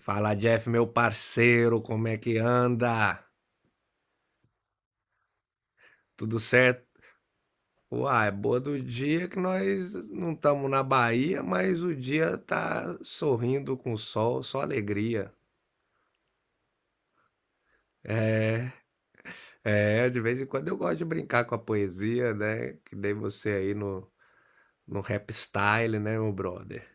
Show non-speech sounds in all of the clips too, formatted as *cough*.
Fala, Jeff, meu parceiro, como é que anda? Tudo certo? Uai, boa do dia que nós não estamos na Bahia, mas o dia tá sorrindo com o sol, só alegria. É, de vez em quando eu gosto de brincar com a poesia, né? Que dei você aí no rap style, né, meu brother?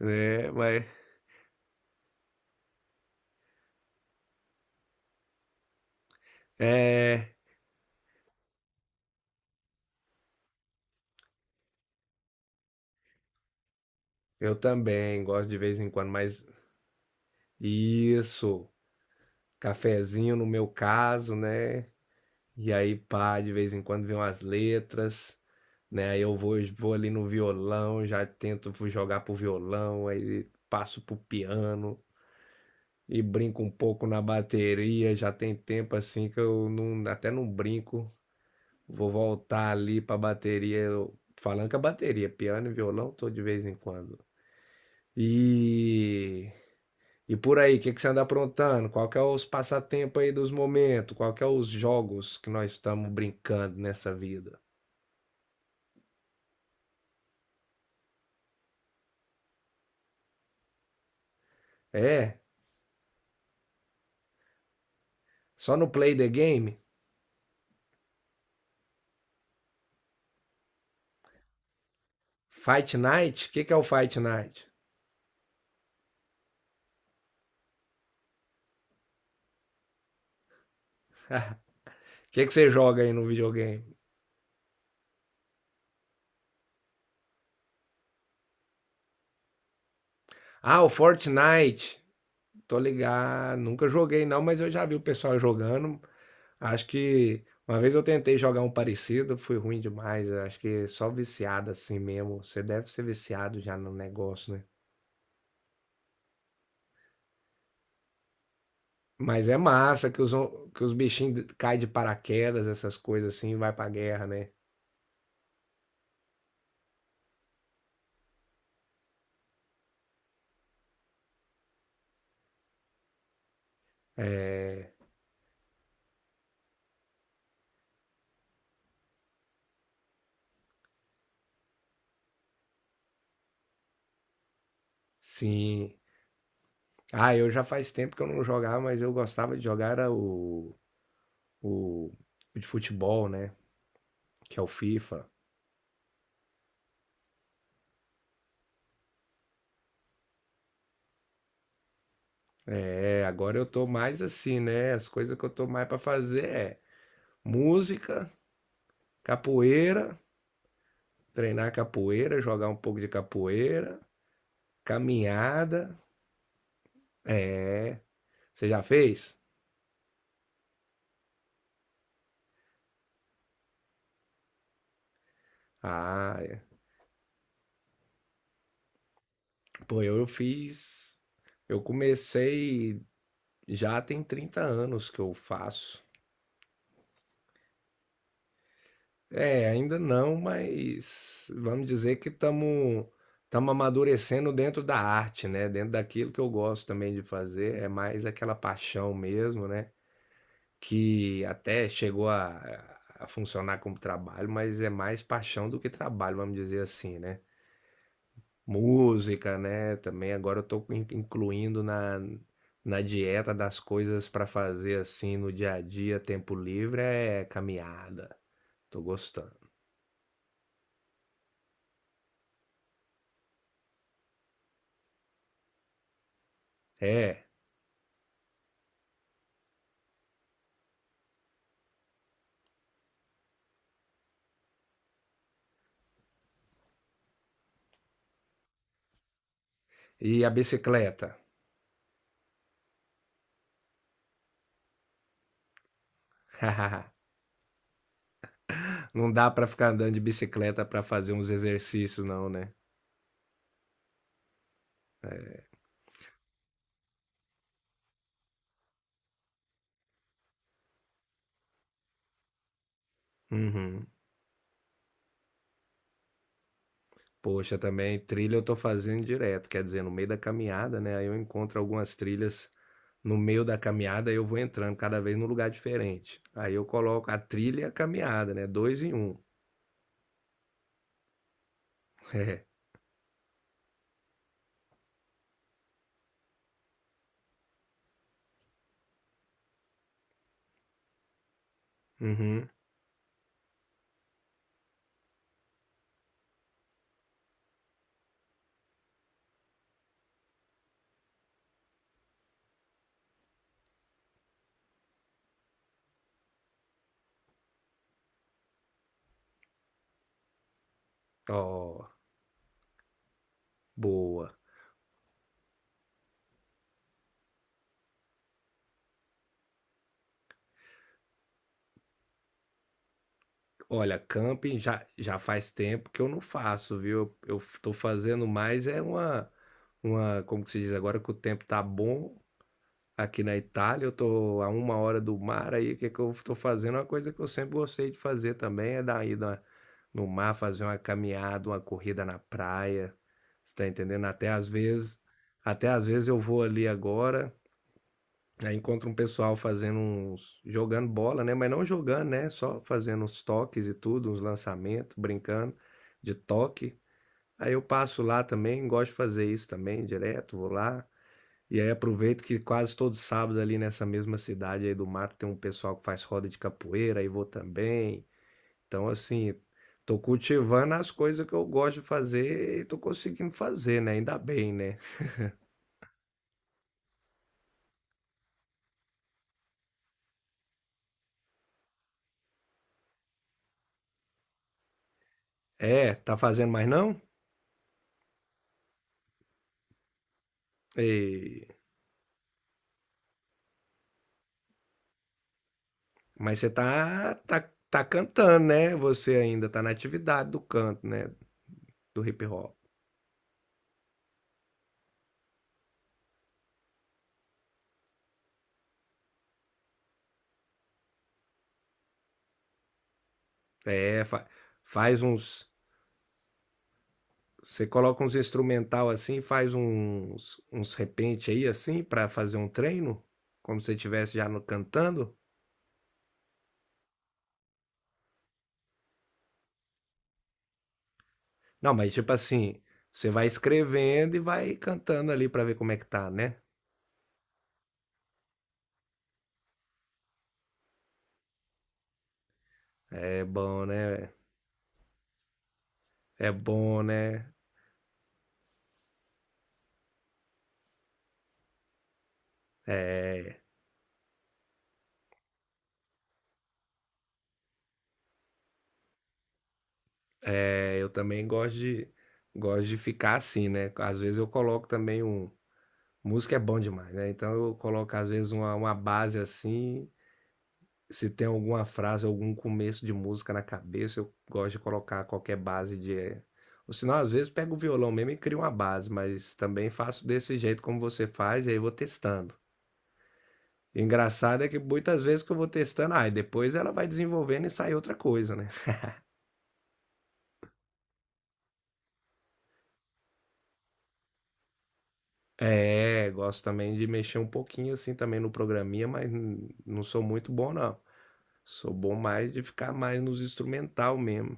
É, mas. É, eu também gosto de vez em quando, mas. Isso, cafezinho no meu caso, né? E aí, pá, de vez em quando vem umas letras, né? Aí eu vou ali no violão, já tento jogar pro violão, aí passo pro piano e brinco um pouco na bateria. Já tem tempo assim que eu não, até não brinco. Vou voltar ali pra bateria, falando que a bateria, piano e violão, tô de vez em quando. E, e por aí, o que que você anda aprontando? Qual que é os passatempos aí dos momentos? Qual que é os jogos que nós estamos brincando nessa vida? É, só no Play the Game? Fight Night? O, que, que é o Fight Night? O *laughs* que você joga aí no videogame? Ah, o Fortnite. Tô ligado. Nunca joguei não, mas eu já vi o pessoal jogando. Acho que uma vez eu tentei jogar um parecido, fui ruim demais. Acho que só viciado assim mesmo. Você deve ser viciado já no negócio, né? Mas é massa que que os bichinhos caem de paraquedas, essas coisas assim, e vai pra guerra, né? É, sim. Ah, eu já faz tempo que eu não jogava, mas eu gostava de jogar era o, o de futebol, né? Que é o FIFA. É, agora eu tô mais assim, né? As coisas que eu tô mais pra fazer é música, capoeira, treinar capoeira, jogar um pouco de capoeira, caminhada. Você já fez? Ah, é. Pô, eu fiz. Eu comecei já tem 30 anos que eu faço. É, ainda não, mas vamos dizer que estamos amadurecendo dentro da arte, né? Dentro daquilo que eu gosto também de fazer, é mais aquela paixão mesmo, né? Que até chegou a funcionar como trabalho, mas é mais paixão do que trabalho, vamos dizer assim, né? Música, né? Também agora eu estou incluindo na dieta das coisas para fazer assim no dia a dia, tempo livre, é caminhada. Tô gostando. É, e a bicicleta? *laughs* Não dá pra ficar andando de bicicleta pra fazer uns exercícios, não, né? Uhum. Poxa, também trilha eu tô fazendo direto, quer dizer, no meio da caminhada, né? Aí eu encontro algumas trilhas no meio da caminhada, aí eu vou entrando cada vez num lugar diferente. Aí eu coloco a trilha e a caminhada, né? Dois em um. *laughs* É. Uhum. Ó, boa. Olha, camping já faz tempo que eu não faço, viu? Eu estou fazendo mais é como que se diz agora que o tempo tá bom aqui na Itália, eu tô a uma hora do mar aí, o que que eu estou fazendo? Uma coisa que eu sempre gostei de fazer também é dar uma ida no mar, fazer uma caminhada, uma corrida na praia, você tá entendendo? Até às vezes eu vou ali agora. Aí encontra um pessoal fazendo uns jogando bola, né? Mas não jogando, né? Só fazendo uns toques e tudo, uns lançamentos, brincando de toque. Aí eu passo lá também, gosto de fazer isso também, direto, vou lá. E aí aproveito que quase todo sábado ali nessa mesma cidade aí do mato tem um pessoal que faz roda de capoeira, aí vou também. Então, assim, tô cultivando as coisas que eu gosto de fazer e tô conseguindo fazer, né? Ainda bem, né? É, tá fazendo mais não? E... Mas você tá cantando, né? Você ainda tá na atividade do canto, né? Do hip hop. É, faz uns. Você coloca uns instrumental assim, faz uns repente aí assim pra fazer um treino, como se você estivesse já no, cantando. Não, mas tipo assim, você vai escrevendo e vai cantando ali pra ver como é que tá, né? É bom, né? É bom, né? É, eu também gosto gosto de ficar assim, né? Às vezes eu coloco também um música é bom demais, né? Então eu coloco às vezes uma base assim. Se tem alguma frase, algum começo de música na cabeça, eu gosto de colocar qualquer base de. É, ou senão, às vezes, pego o violão mesmo e crio uma base, mas também faço desse jeito como você faz, e aí eu vou testando. E o engraçado é que muitas vezes que eu vou testando, ah, e depois ela vai desenvolvendo e sai outra coisa, né? *laughs* É, gosto também de mexer um pouquinho assim também no programinha, mas não sou muito bom, não. Sou bom mais de ficar mais nos instrumental mesmo.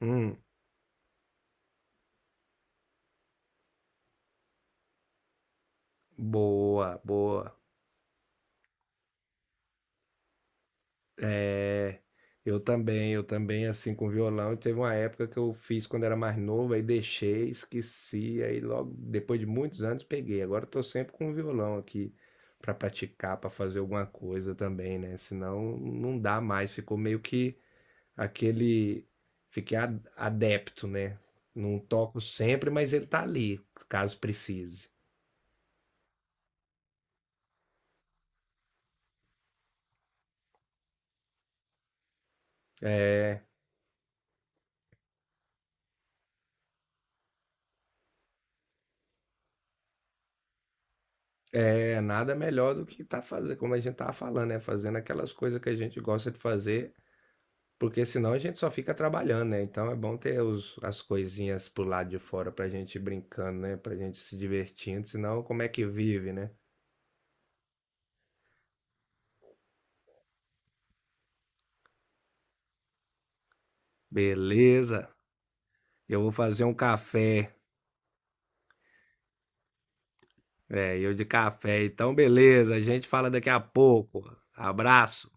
Hum, boa, boa. É, eu também, assim, com violão, e teve uma época que eu fiz quando era mais novo, aí deixei, esqueci, aí logo depois de muitos anos peguei. Agora eu tô sempre com o violão aqui para praticar, para fazer alguma coisa também, né? Senão não dá mais, ficou meio que aquele, fiquei adepto, né? Não toco sempre, mas ele tá ali, caso precise. É, É, nada melhor do que tá fazendo, como a gente tava falando, né? Fazendo aquelas coisas que a gente gosta de fazer, porque senão a gente só fica trabalhando, né? Então é bom ter as coisinhas pro lado de fora pra gente ir brincando, né? Pra gente se divertindo, senão como é que vive, né? Beleza, eu vou fazer um café. É, eu de café, então beleza, a gente fala daqui a pouco. Abraço.